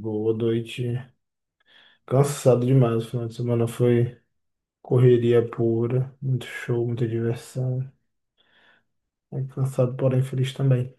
Boa noite. Cansado demais. O final de semana foi correria pura, muito show, muita diversão. É cansado, porém feliz também.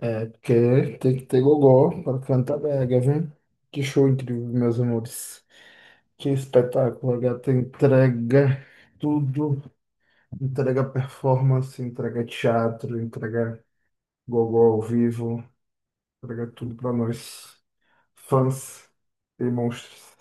É, porque tem que ter gogó para cantar brega, viu? Que show incrível, meus amores. Que espetáculo, a gata entrega tudo, entrega performance, entrega teatro, entrega gogó ao vivo, entrega tudo para nós, fãs e monstros.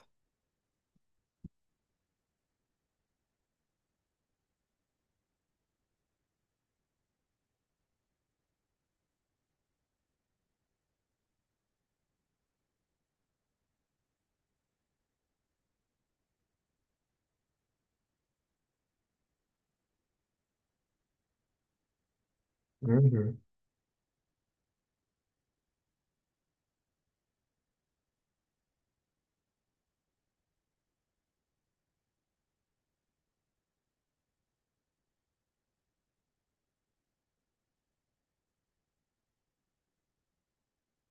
Uhum.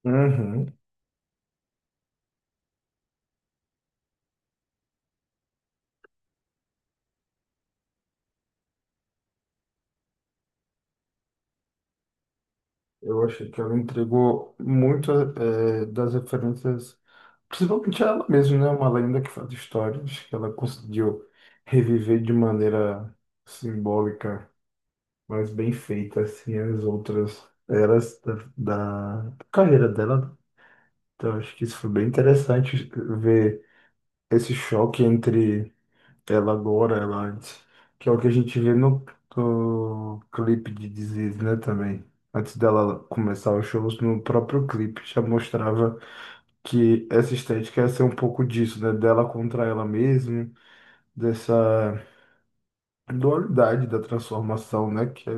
Uhum. Eu achei que ela entregou muito das referências, principalmente ela mesma, né? Uma lenda que faz histórias, que ela conseguiu reviver de maneira simbólica, mas bem feita, assim, as outras eras da carreira dela. Então, acho que isso foi bem interessante ver esse choque entre ela agora, ela antes. Que é o que a gente vê no clipe de Disease, né, também. Antes dela começar os shows, no próprio clipe já mostrava que essa estética ia ser um pouco disso, né? Dela contra ela mesma, dessa dualidade da transformação, né? Que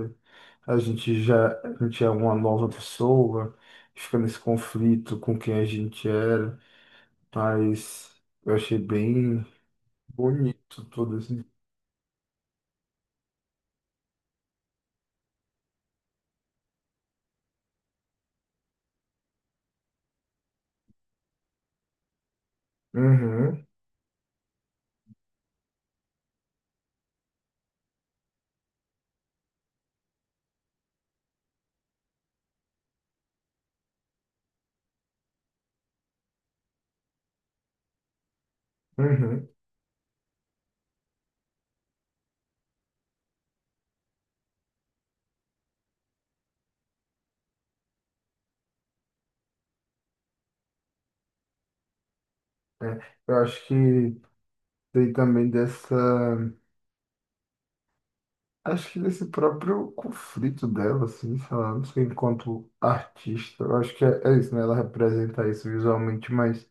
a gente já, a gente é uma nova pessoa, fica nesse conflito com quem a gente era, mas eu achei bem bonito todo esse... Uhum, uhum. né? Eu acho que tem também dessa. Acho que desse próprio conflito dela, assim, sei lá, não sei, enquanto artista. Eu acho que é isso, né? Ela representa isso visualmente, mas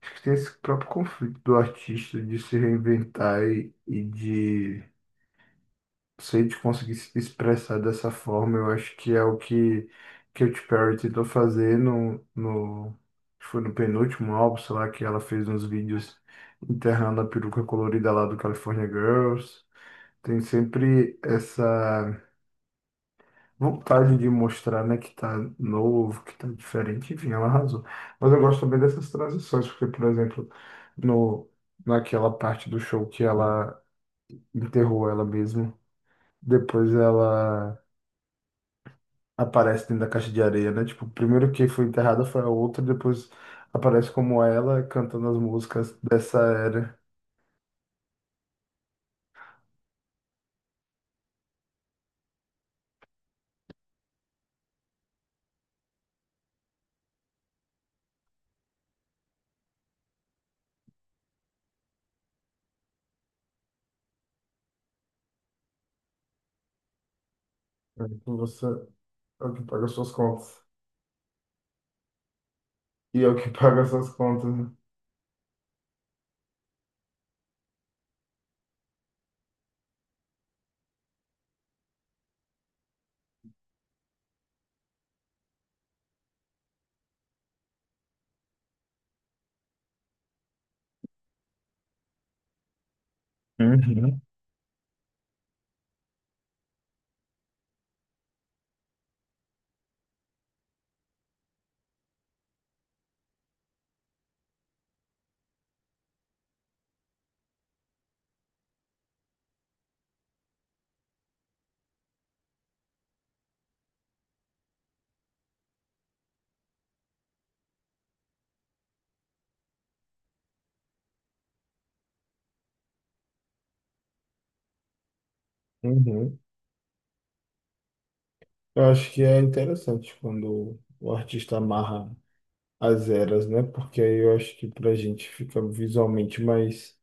acho que tem esse próprio conflito do artista de se reinventar e de. Se a gente conseguir se expressar dessa forma, eu acho que é o que Katy Perry tentou fazer no, acho que foi no penúltimo álbum, sei lá, que ela fez uns vídeos enterrando a peruca colorida lá do California Girls. Tem sempre essa vontade de mostrar, né, que tá novo, que tá diferente, enfim, ela arrasou. Mas eu gosto também dessas transições, porque, por exemplo, no, naquela parte do show que ela enterrou ela mesma, depois ela aparece dentro da caixa de areia, né? Tipo, primeiro que foi enterrada foi a outra, depois aparece como ela cantando as músicas dessa era. É, então Você é o que paga suas contas. E é o que paga suas contas, né? Uhum, uhum. Eu acho que é interessante quando o artista amarra as eras, né? Porque aí eu acho que pra gente fica visualmente mais,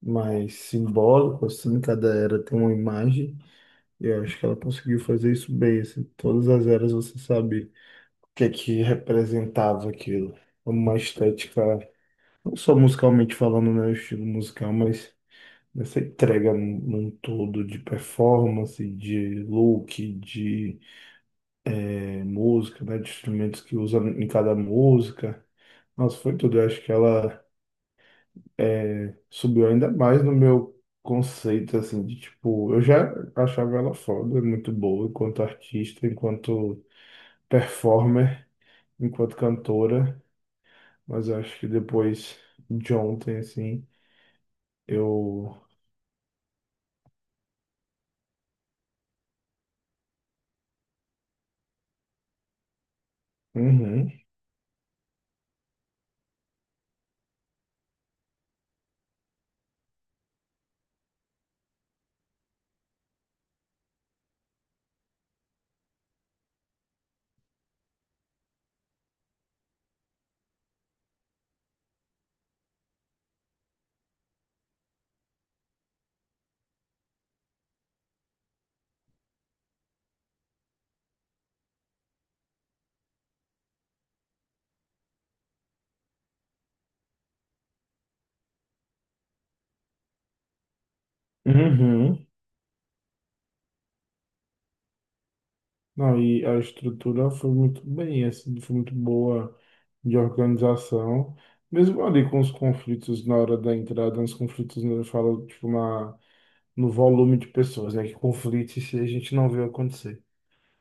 mais simbólico, assim, cada era tem uma imagem. E eu acho que ela conseguiu fazer isso bem, assim, todas as eras você sabe. Que é que representava aquilo. Uma estética, não só musicalmente falando, né, o estilo musical, mas essa entrega num todo de performance, de look, de música, né, de instrumentos que usa em cada música. Nossa, foi tudo. Eu acho que ela eh, subiu ainda mais no meu conceito, assim, de tipo, eu já achava ela foda, muito boa enquanto artista, enquanto performer, enquanto cantora. Mas eu acho que depois de ontem, assim, eu. Uhum. Uhum. Não, e a estrutura foi muito bem, assim, foi muito boa de organização. Mesmo ali com os conflitos na hora da entrada, os conflitos, né, eu falo, tipo, na, no volume de pessoas, né? Que conflitos se a gente não vê acontecer.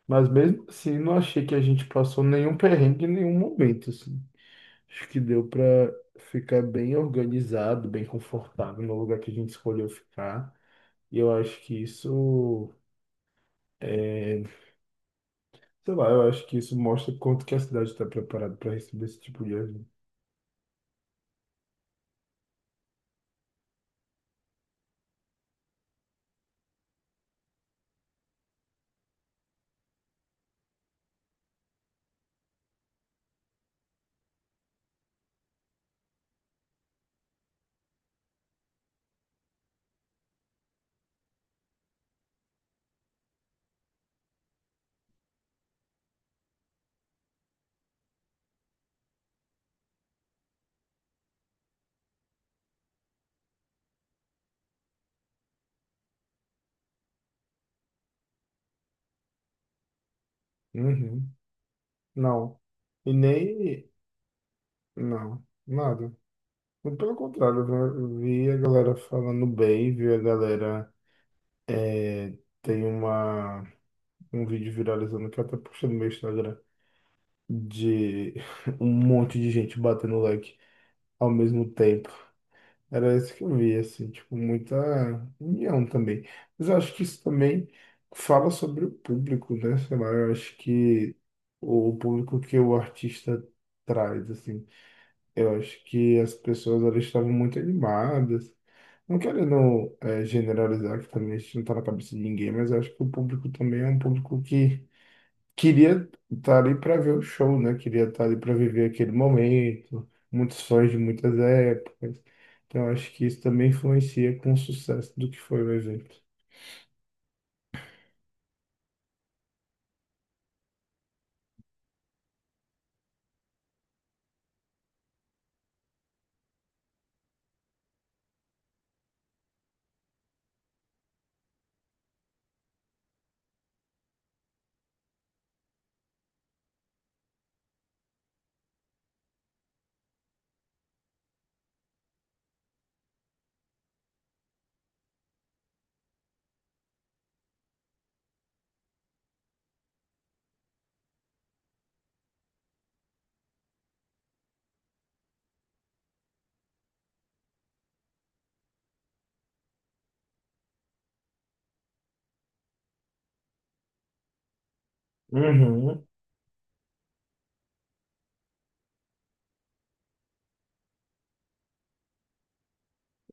Mas mesmo assim, não achei que a gente passou nenhum perrengue em nenhum momento, assim. Acho que deu para ficar bem organizado, bem confortável no lugar que a gente escolheu ficar. E eu acho que isso é, sei lá, eu acho que isso mostra quanto que a cidade está preparada para receber esse tipo de ajuda. Uhum. Não. E nem não, nada. Muito Pelo contrário, eu vi a galera falando bem, vi a galera é, tem uma um vídeo viralizando que eu até puxei no meu Instagram de um monte de gente batendo like ao mesmo tempo. Era isso que eu vi, assim, tipo, muita união também. Mas eu acho que isso também fala sobre o público, né? Sei lá, eu acho que o público que o artista traz, assim, eu acho que as pessoas elas estavam muito animadas. Não querendo generalizar, que também isso não tá na cabeça de ninguém, mas eu acho que o público também é um público que queria estar ali para ver o show, né? Queria estar ali para viver aquele momento, muitos sonhos de muitas épocas. Então, acho que isso também influencia com o sucesso do que foi o evento. Uhum.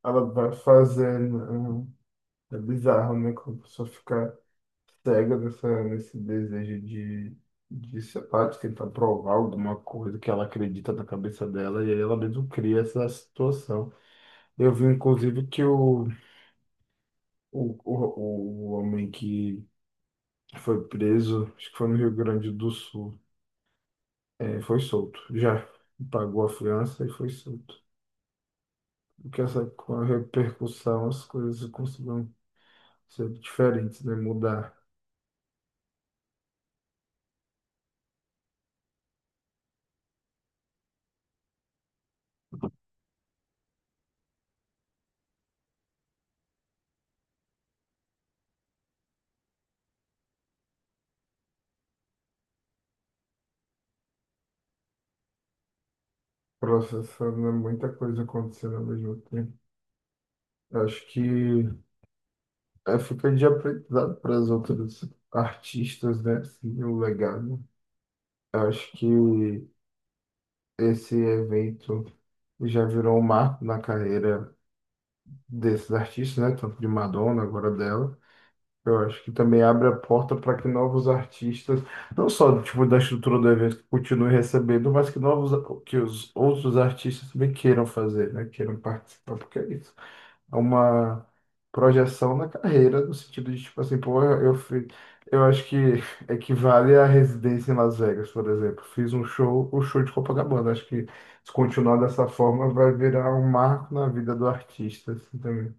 Ela vai fazendo. É bizarro, né? Como a pessoa fica cega nessa, nesse desejo de, sei lá, de tentar provar alguma coisa que ela acredita na cabeça dela, e aí ela mesmo cria essa situação. Eu vi, inclusive, que o homem que Foi preso, acho que foi no Rio Grande do Sul. É, foi solto, já. Pagou a fiança e foi solto. Porque essa com a repercussão, as coisas conseguiram ser diferentes, né? Mudar. Processando né? muita coisa acontecendo ao mesmo tempo. Acho que é, fica de aprendizado para as outras artistas, né? Assim, o legado. Acho que esse evento já virou um marco na carreira desses artistas, né? Tanto de Madonna, agora dela. Eu acho que também abre a porta para que novos artistas, não só tipo da estrutura do evento, continuem recebendo, mas que novos, que os outros artistas também queiram fazer, né? Queiram participar, porque é isso. É uma projeção na carreira, no sentido de tipo assim, pô, eu fiz, eu acho que equivale à residência em Las Vegas, por exemplo. Fiz um show, o show de Copacabana. Acho que se continuar dessa forma, vai virar um marco na vida do artista, assim, também.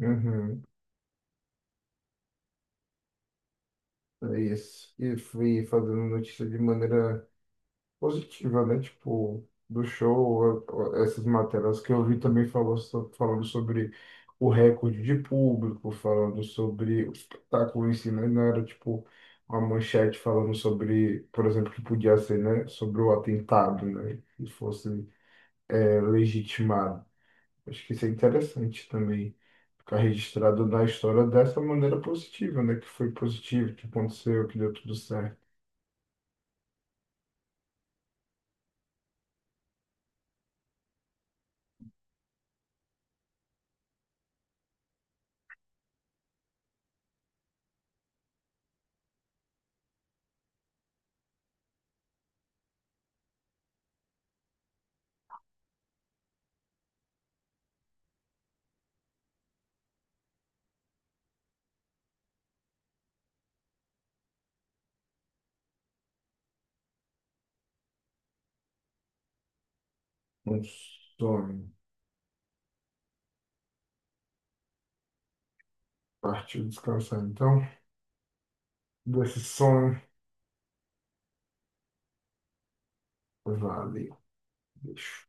Uhum. É isso. E fui fazendo notícia de maneira positiva, né? Tipo, do show, essas matérias que eu vi também falou, falando sobre o recorde de público, falando sobre o espetáculo em si, né? Não era tipo uma manchete falando sobre, por exemplo, que podia ser, né? Sobre o atentado, né? Que fosse é, legitimado. Acho que isso é interessante também. Ficar registrado na história dessa maneira positiva, né? Que foi positivo, que aconteceu, que deu tudo certo. Um sonho. Partiu descansar, então. Desse sonho, vale. Bicho.